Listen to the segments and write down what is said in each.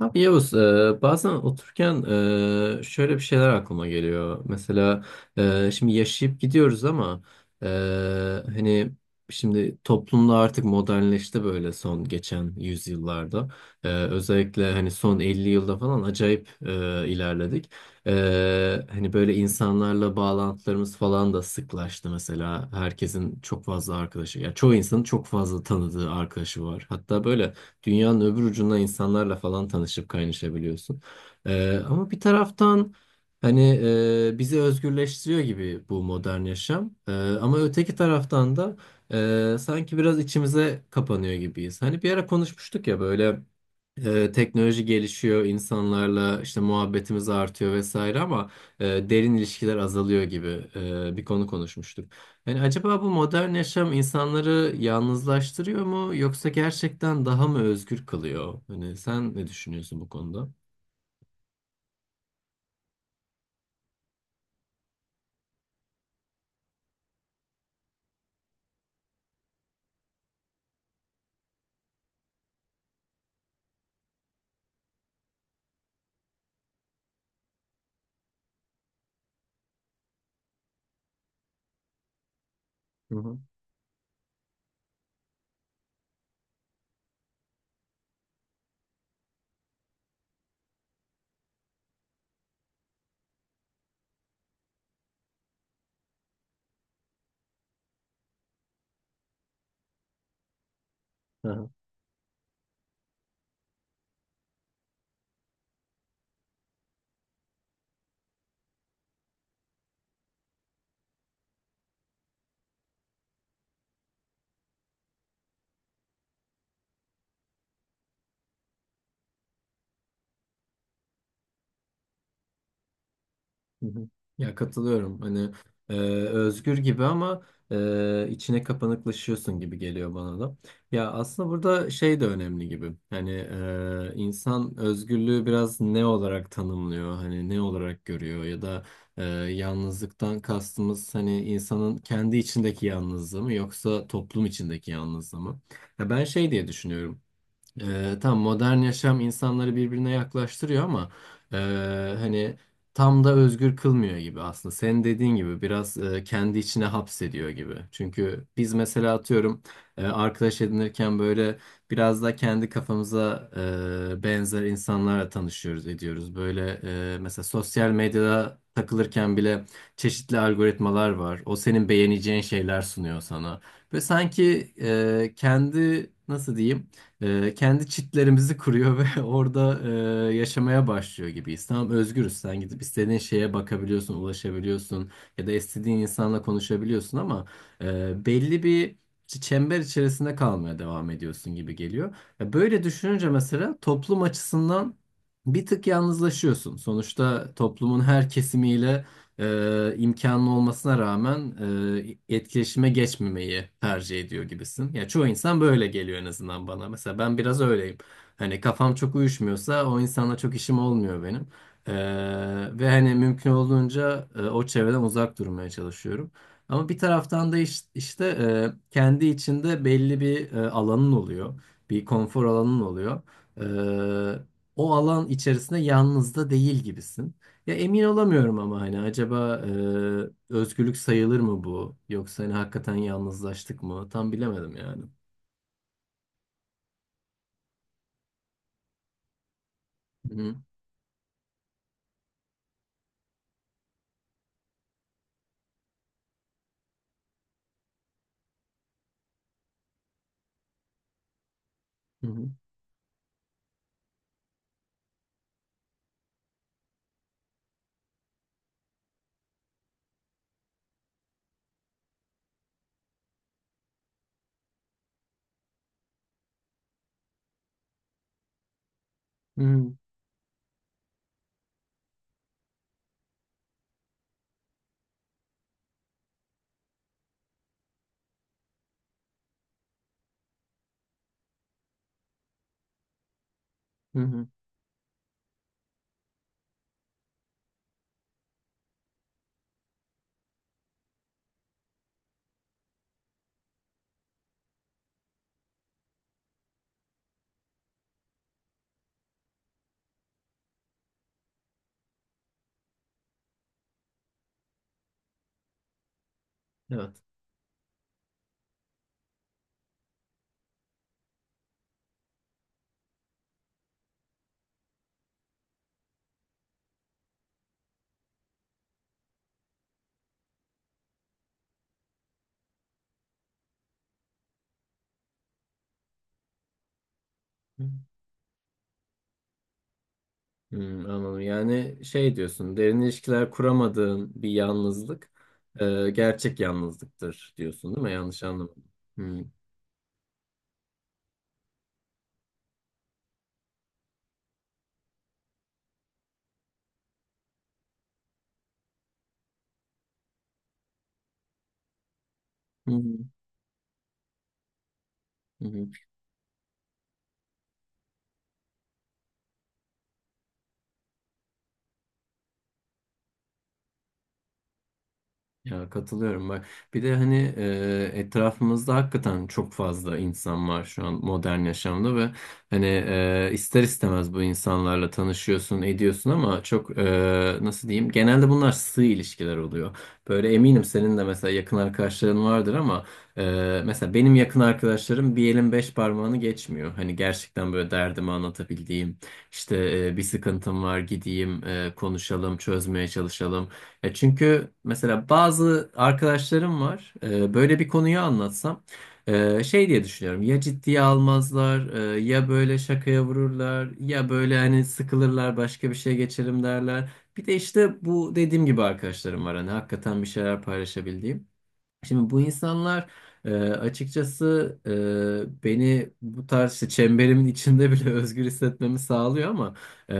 Abi Yavuz, bazen otururken şöyle bir şeyler aklıma geliyor. Mesela şimdi yaşayıp gidiyoruz ama e, hani şimdi toplumda artık modernleşti böyle son geçen yüzyıllarda. Özellikle hani son 50 yılda falan acayip ilerledik. Hani böyle insanlarla bağlantılarımız falan da sıklaştı mesela. Herkesin çok fazla arkadaşı, ya çoğu insanın çok fazla tanıdığı arkadaşı var. Hatta böyle dünyanın öbür ucunda insanlarla falan tanışıp kaynaşabiliyorsun. Ama bir taraftan hani bizi özgürleştiriyor gibi bu modern yaşam. Ama öteki taraftan da sanki biraz içimize kapanıyor gibiyiz. Hani bir ara konuşmuştuk ya böyle teknoloji gelişiyor, insanlarla işte muhabbetimiz artıyor vesaire ama derin ilişkiler azalıyor gibi bir konu konuşmuştuk. Yani acaba bu modern yaşam insanları yalnızlaştırıyor mu yoksa gerçekten daha mı özgür kılıyor? Hani sen ne düşünüyorsun bu konuda? Hı hı. Hı hı. Ya katılıyorum. Hani e, özgür gibi ama içine kapanıklaşıyorsun gibi geliyor bana da. Ya aslında burada şey de önemli gibi. Hani insan özgürlüğü biraz ne olarak tanımlıyor? Hani ne olarak görüyor? Ya da e, yalnızlıktan kastımız hani insanın kendi içindeki yalnızlığı mı yoksa toplum içindeki yalnızlığı mı? Ya ben şey diye düşünüyorum. Tam modern yaşam insanları birbirine yaklaştırıyor ama e, hani tam da özgür kılmıyor gibi aslında. Senin dediğin gibi biraz kendi içine hapsediyor gibi. Çünkü biz mesela atıyorum arkadaş edinirken böyle biraz da kendi kafamıza benzer insanlarla tanışıyoruz, ediyoruz. Böyle mesela sosyal medyada takılırken bile çeşitli algoritmalar var. O senin beğeneceğin şeyler sunuyor sana. Ve sanki kendi nasıl diyeyim? Kendi çitlerimizi kuruyor ve orada yaşamaya başlıyor gibiyiz. Tamam özgürüz. Sen gidip istediğin şeye bakabiliyorsun, ulaşabiliyorsun ya da istediğin insanla konuşabiliyorsun ama belli bir çember içerisinde kalmaya devam ediyorsun gibi geliyor. Ya böyle düşününce mesela toplum açısından bir tık yalnızlaşıyorsun. Sonuçta toplumun her kesimiyle imkanlı olmasına rağmen etkileşime geçmemeyi tercih ediyor gibisin. Ya çoğu insan böyle geliyor en azından bana. Mesela ben biraz öyleyim. Hani kafam çok uyuşmuyorsa o insanla çok işim olmuyor benim. E, Ve hani mümkün olduğunca o çevreden uzak durmaya çalışıyorum. Ama bir taraftan da işte kendi içinde belli bir alanın oluyor. Bir konfor alanın oluyor. E, O alan içerisinde yalnız da değil gibisin. Ya emin olamıyorum ama hani acaba özgürlük sayılır mı bu? Yoksa hani hakikaten yalnızlaştık mı? Tam bilemedim yani. Hı hı hı. Hı hı. Hı. Evet. Hı. Hmm, anladım. Yani şey diyorsun, derin ilişkiler kuramadığın bir yalnızlık gerçek yalnızlıktır diyorsun değil mi? Yanlış anlamadım. Hı hı. Hı. Hı. Ya katılıyorum bak. Bir de hani etrafımızda hakikaten çok fazla insan var şu an modern yaşamda ve hani ister istemez bu insanlarla tanışıyorsun, ediyorsun ama çok nasıl diyeyim? Genelde bunlar sığ ilişkiler oluyor. Böyle eminim senin de mesela yakın arkadaşların vardır ama mesela benim yakın arkadaşlarım bir elin beş parmağını geçmiyor. Hani gerçekten böyle derdimi anlatabildiğim, işte bir sıkıntım var gideyim, konuşalım, çözmeye çalışalım. Ya çünkü mesela bazı arkadaşlarım var. Böyle bir konuyu anlatsam şey diye düşünüyorum. Ya ciddiye almazlar, ya böyle şakaya vururlar, ya böyle hani sıkılırlar, başka bir şeye geçelim derler. Bir de işte bu dediğim gibi arkadaşlarım var hani hakikaten bir şeyler paylaşabildiğim. Şimdi bu insanlar açıkçası beni bu tarz işte çemberimin içinde bile özgür hissetmemi sağlıyor ama e,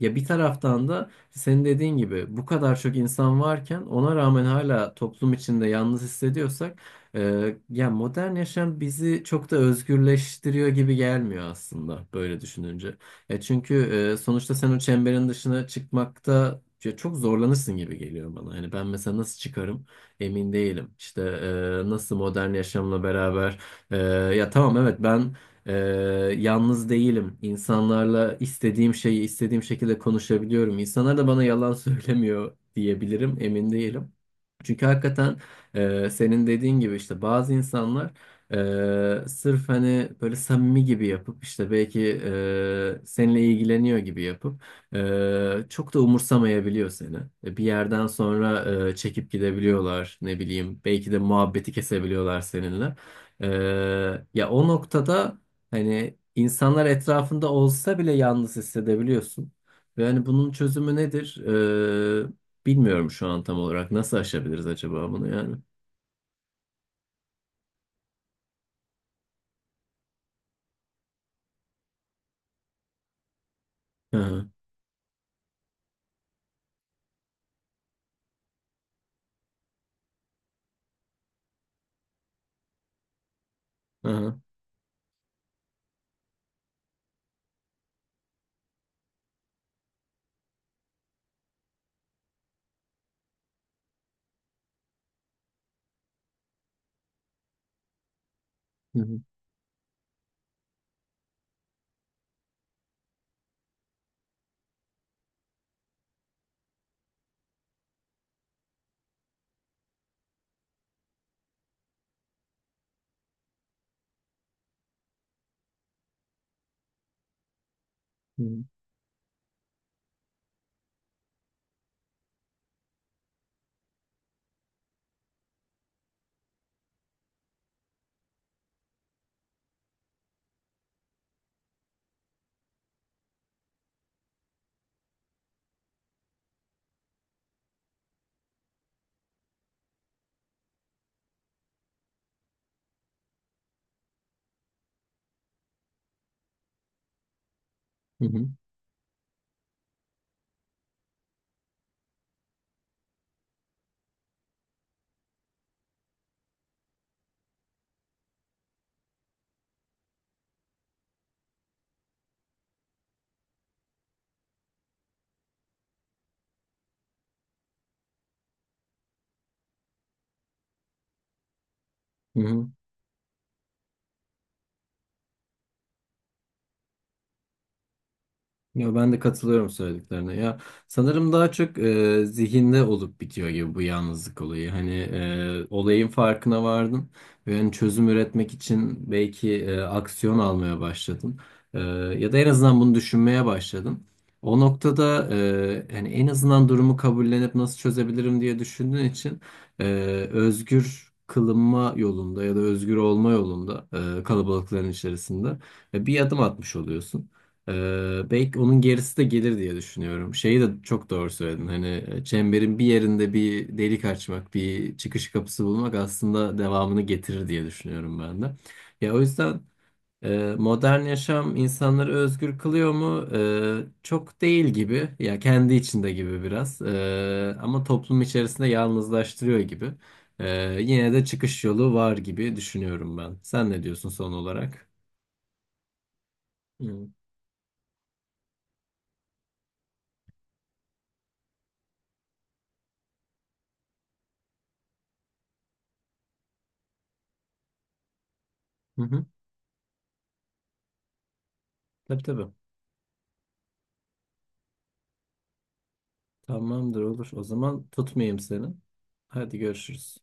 ya bir taraftan da senin dediğin gibi bu kadar çok insan varken ona rağmen hala toplum içinde yalnız hissediyorsak ya modern yaşam bizi çok da özgürleştiriyor gibi gelmiyor aslında böyle düşününce. Ya çünkü sonuçta sen o çemberin dışına çıkmakta ya çok zorlanırsın gibi geliyor bana. Hani ben mesela nasıl çıkarım? Emin değilim. İşte nasıl modern yaşamla beraber e, ya tamam evet ben e, yalnız değilim. İnsanlarla istediğim şeyi istediğim şekilde konuşabiliyorum. İnsanlar da bana yalan söylemiyor diyebilirim. Emin değilim. Çünkü hakikaten senin dediğin gibi işte bazı insanlar sırf hani böyle samimi gibi yapıp işte belki seninle ilgileniyor gibi yapıp çok da umursamayabiliyor seni. Bir yerden sonra çekip gidebiliyorlar, ne bileyim, belki de muhabbeti kesebiliyorlar seninle. Ee, ya o noktada hani insanlar etrafında olsa bile yalnız hissedebiliyorsun. Ve hani bunun çözümü nedir? Bilmiyorum şu an tam olarak. Nasıl aşabiliriz acaba bunu yani? Hı hı. Hı hı. Hı hı. Hı hı. Hı hı. Ya ben de katılıyorum söylediklerine. Ya sanırım daha çok zihinde olup bitiyor gibi bu yalnızlık olayı. Hani olayın farkına vardın ve hani çözüm üretmek için belki aksiyon almaya başladın. E, Ya da en azından bunu düşünmeye başladın. O noktada hani en azından durumu kabullenip nasıl çözebilirim diye düşündüğün için e, özgür kılınma yolunda ya da özgür olma yolunda kalabalıkların içerisinde bir adım atmış oluyorsun. Belki onun gerisi de gelir diye düşünüyorum. Şeyi de çok doğru söyledin. Hani çemberin bir yerinde bir delik açmak, bir çıkış kapısı bulmak aslında devamını getirir diye düşünüyorum ben de. Ya o yüzden modern yaşam insanları özgür kılıyor mu? Çok değil gibi. Ya kendi içinde gibi biraz. Ama toplum içerisinde yalnızlaştırıyor gibi. Yine de çıkış yolu var gibi düşünüyorum ben. Sen ne diyorsun son olarak? Hı hı. Hı. Tabii tabii. Tamamdır olur. O zaman tutmayayım seni. Hadi görüşürüz.